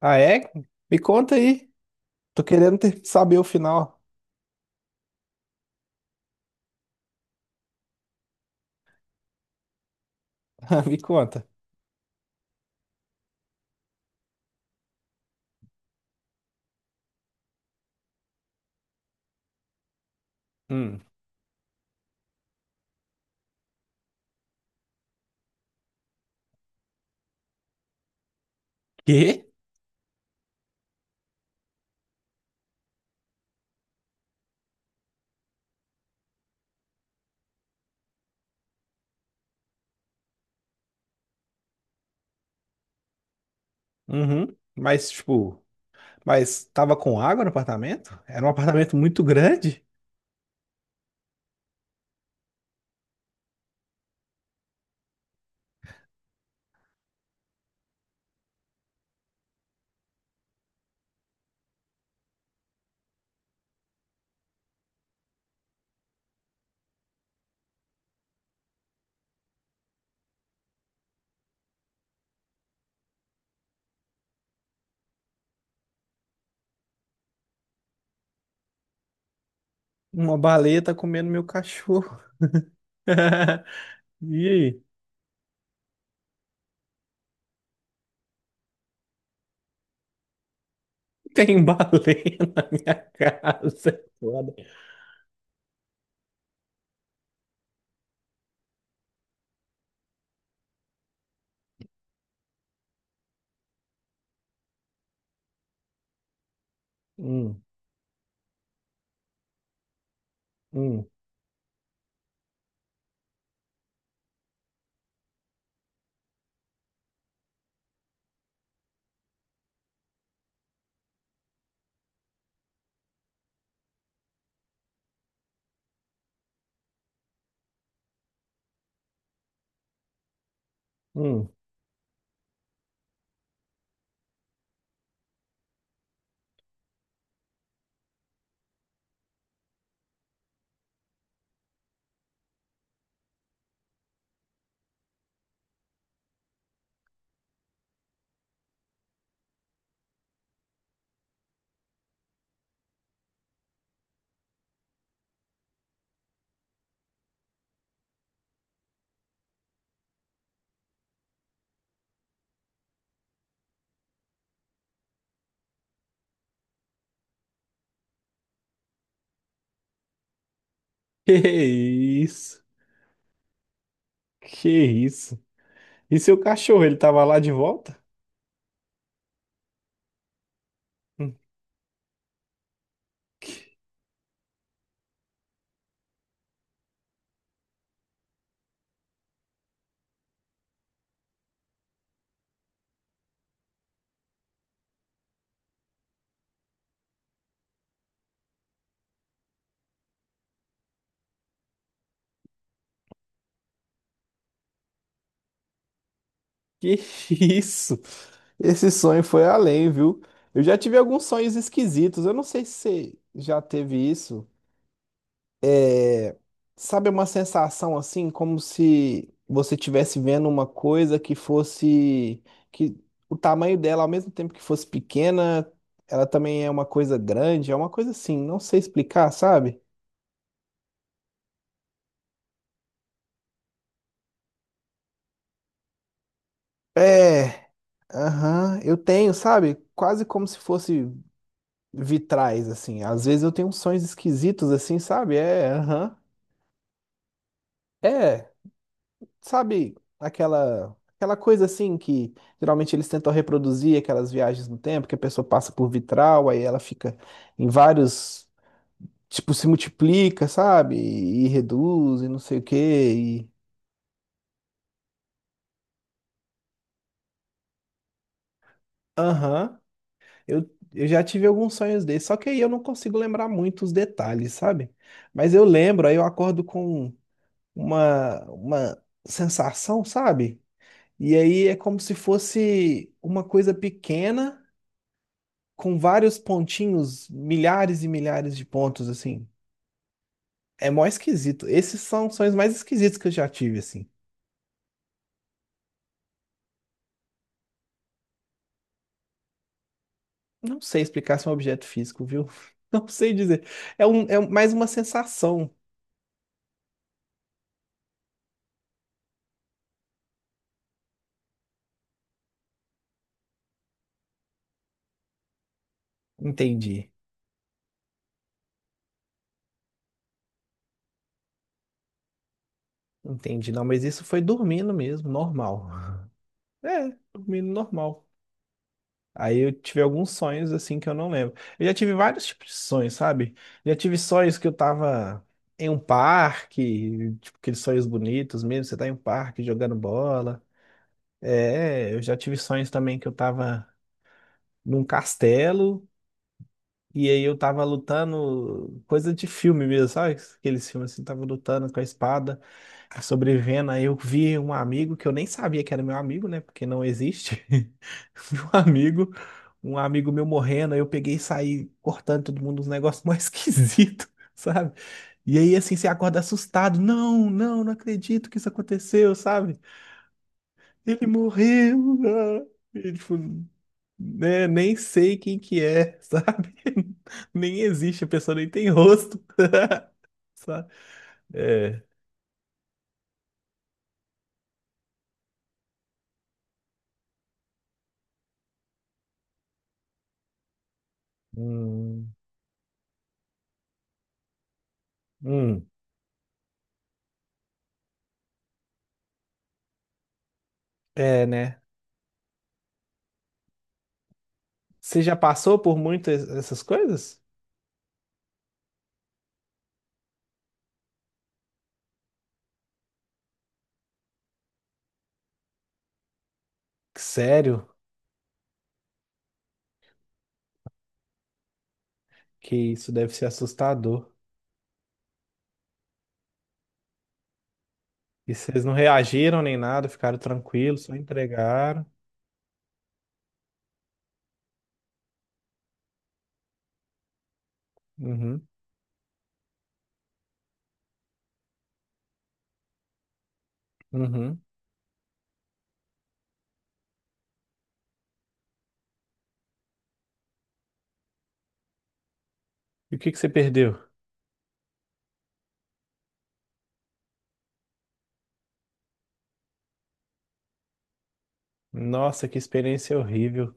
Ah, é? Me conta aí. Tô querendo saber o final. Me conta. Hum. Quê? Uhum. Mas, tipo, mas tava com água no apartamento? Era um apartamento muito grande? Uma baleia tá comendo meu cachorro. E aí? Tem baleia na minha casa. Foda. Hum, hum, hum. Que isso? Que isso? E seu cachorro, ele tava lá de volta? Que isso? Esse sonho foi além, viu? Eu já tive alguns sonhos esquisitos. Eu não sei se você já teve isso. É, sabe, uma sensação assim, como se você estivesse vendo uma coisa que fosse, que o tamanho dela, ao mesmo tempo que fosse pequena, ela também é uma coisa grande, é uma coisa assim, não sei explicar, sabe? É, aham, eu tenho, sabe? Quase como se fosse vitrais, assim. Às vezes eu tenho uns sonhos esquisitos, assim, sabe? É, aham. É, sabe, aquela coisa assim que geralmente eles tentam reproduzir aquelas viagens no tempo, que a pessoa passa por vitral, aí ela fica em vários, tipo, se multiplica, sabe? E reduz, e não sei o quê. E... Aham. Eu, eu já tive alguns sonhos desses, só que aí eu não consigo lembrar muito os detalhes, sabe? Mas eu lembro, aí eu acordo com uma sensação, sabe? E aí é como se fosse uma coisa pequena com vários pontinhos, milhares e milhares de pontos, assim. É mó esquisito. Esses são os mais esquisitos que eu já tive, assim. Não sei explicar se é um objeto físico, viu? Não sei dizer. É, mais uma sensação. Entendi. Entendi. Não, mas isso foi dormindo mesmo, normal. É, dormindo normal. Aí eu tive alguns sonhos assim que eu não lembro. Eu já tive vários tipos de sonhos, sabe? Já tive sonhos que eu tava em um parque, tipo aqueles sonhos bonitos mesmo, você tá em um parque jogando bola. É, eu já tive sonhos também que eu tava num castelo. E aí eu tava lutando, coisa de filme mesmo, sabe? Aqueles filmes assim, tava lutando com a espada, sobrevivendo. Aí eu vi um amigo que eu nem sabia que era meu amigo, né? Porque não existe. Vi um amigo meu morrendo, aí eu peguei e saí cortando todo mundo, uns negócios mais esquisitos. Sabe? E aí, assim, você acorda assustado. Não, não, não acredito que isso aconteceu, sabe? Ele morreu, ah. E, tipo, né, nem sei quem que é, sabe? Nem existe, a pessoa nem tem rosto. Sabe? É. Hum, hum. É, né? Você já passou por muito essas coisas? Sério, que isso deve ser assustador. E vocês não reagiram nem nada, ficaram tranquilos, só entregaram. Uhum, uhum. E o que que você perdeu? Nossa, que experiência horrível.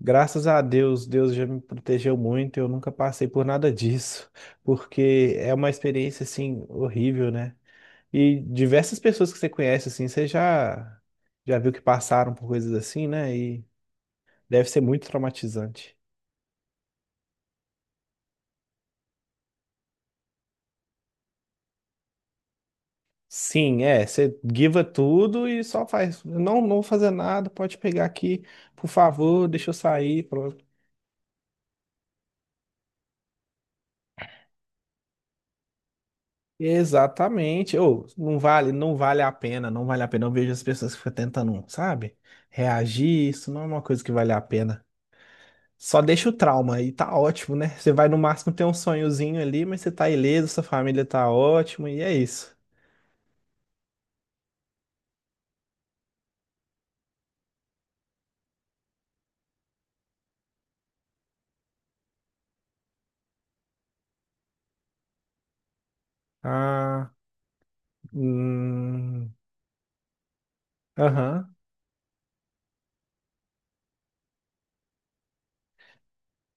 Graças a Deus, Deus já me protegeu muito, eu nunca passei por nada disso, porque é uma experiência assim horrível, né? E diversas pessoas que você conhece assim, você já viu que passaram por coisas assim, né? E deve ser muito traumatizante. Sim, é, você guiva tudo e só faz, não, não vou fazer nada, pode pegar aqui, por favor, deixa eu sair, pronto. Exatamente. Ou não vale, não vale a pena, não vale a pena. Eu vejo as pessoas que ficam tentando, sabe? Reagir, isso não é uma coisa que vale a pena. Só deixa o trauma e tá ótimo, né? Você vai no máximo ter um sonhozinho ali, mas você tá ileso, sua família tá ótima e é isso. Ah, hum, aham.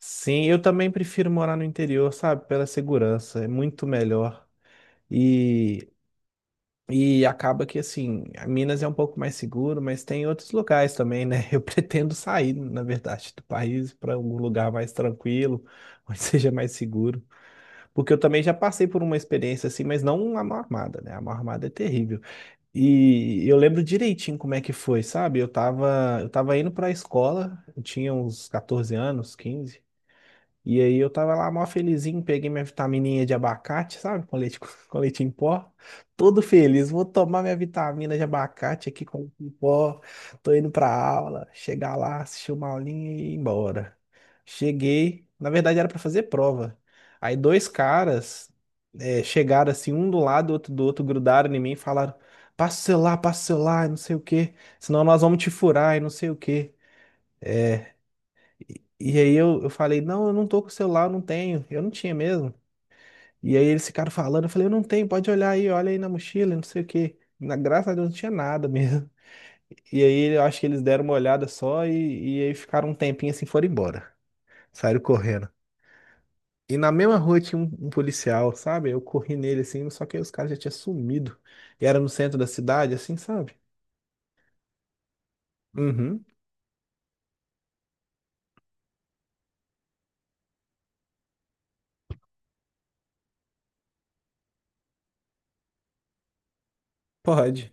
Sim, eu também prefiro morar no interior, sabe? Pela segurança, é muito melhor. E acaba que, assim, a Minas é um pouco mais seguro, mas tem outros locais também, né? Eu pretendo sair, na verdade, do país para algum lugar mais tranquilo, onde seja mais seguro. Porque eu também já passei por uma experiência assim, mas não a mão armada, né? A mão armada é terrível. E eu lembro direitinho como é que foi, sabe? Eu tava indo para a escola, eu tinha uns 14 anos, 15, e aí eu tava lá mó felizinho, peguei minha vitamininha de abacate, sabe? Com leite, com leite em pó. Todo feliz, vou tomar minha vitamina de abacate aqui com leite em pó. Tô indo pra aula, chegar lá, assistir uma aulinha e ir embora. Cheguei, na verdade era pra fazer prova. Aí dois caras chegaram assim, um do lado, outro do outro, grudaram em mim e falaram: passa o celular, e não sei o quê, senão nós vamos te furar e não sei o quê. E aí eu falei, não, eu não tô com o celular, eu não tenho. Eu não tinha mesmo. E aí eles ficaram falando, eu falei, eu não tenho, pode olhar aí, olha aí na mochila, não sei o quê. Na, graças a Deus não tinha nada mesmo. E aí eu acho que eles deram uma olhada só e aí ficaram um tempinho assim, foram embora. Saíram correndo. E na mesma rua tinha um policial, sabe? Eu corri nele assim, só que aí os caras já tinham sumido. E era no centro da cidade, assim, sabe? Uhum, pode.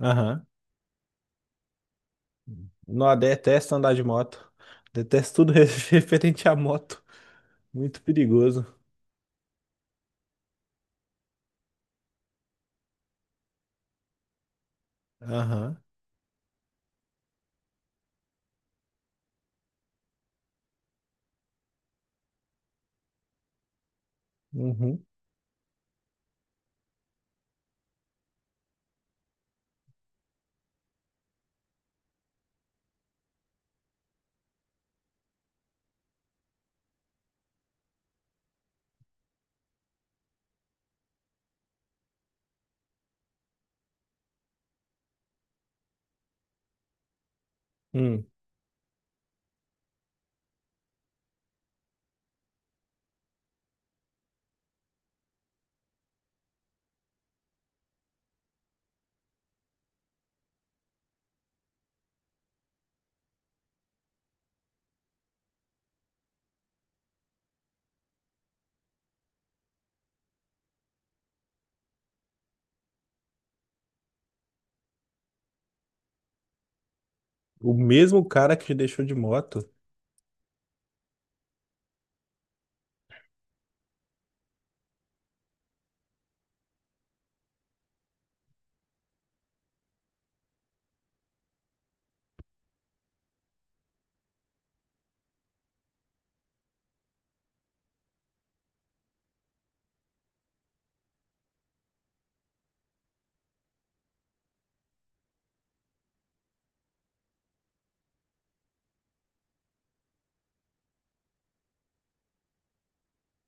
Aham. Não, detesto andar de moto. Detesto tudo referente à moto. Muito perigoso. Aham. Uhum. Hum. O mesmo cara que te deixou de moto.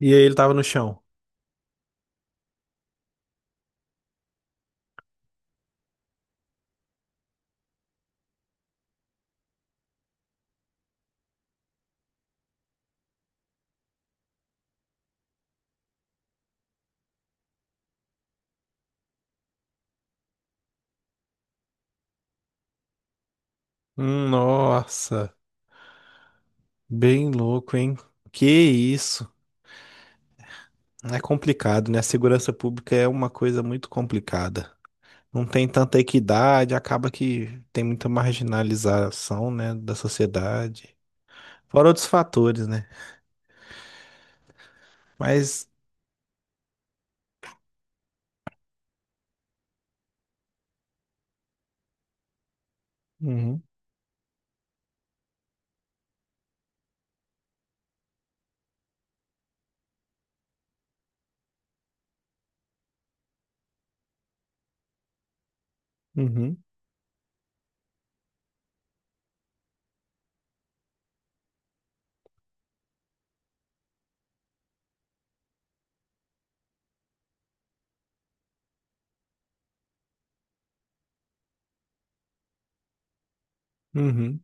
E aí ele tava no chão. Hum. Nossa, bem louco, hein? Que isso? É complicado, né? A segurança pública é uma coisa muito complicada. Não tem tanta equidade, acaba que tem muita marginalização, né, da sociedade. Fora outros fatores, né? Mas, uhum, uhum, uhum,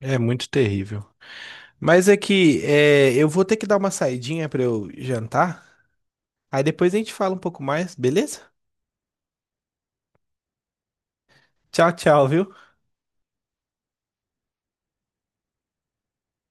é muito terrível. Mas é que é, eu vou ter que dar uma saidinha pra eu jantar. Aí depois a gente fala um pouco mais, beleza? Tchau, tchau, viu?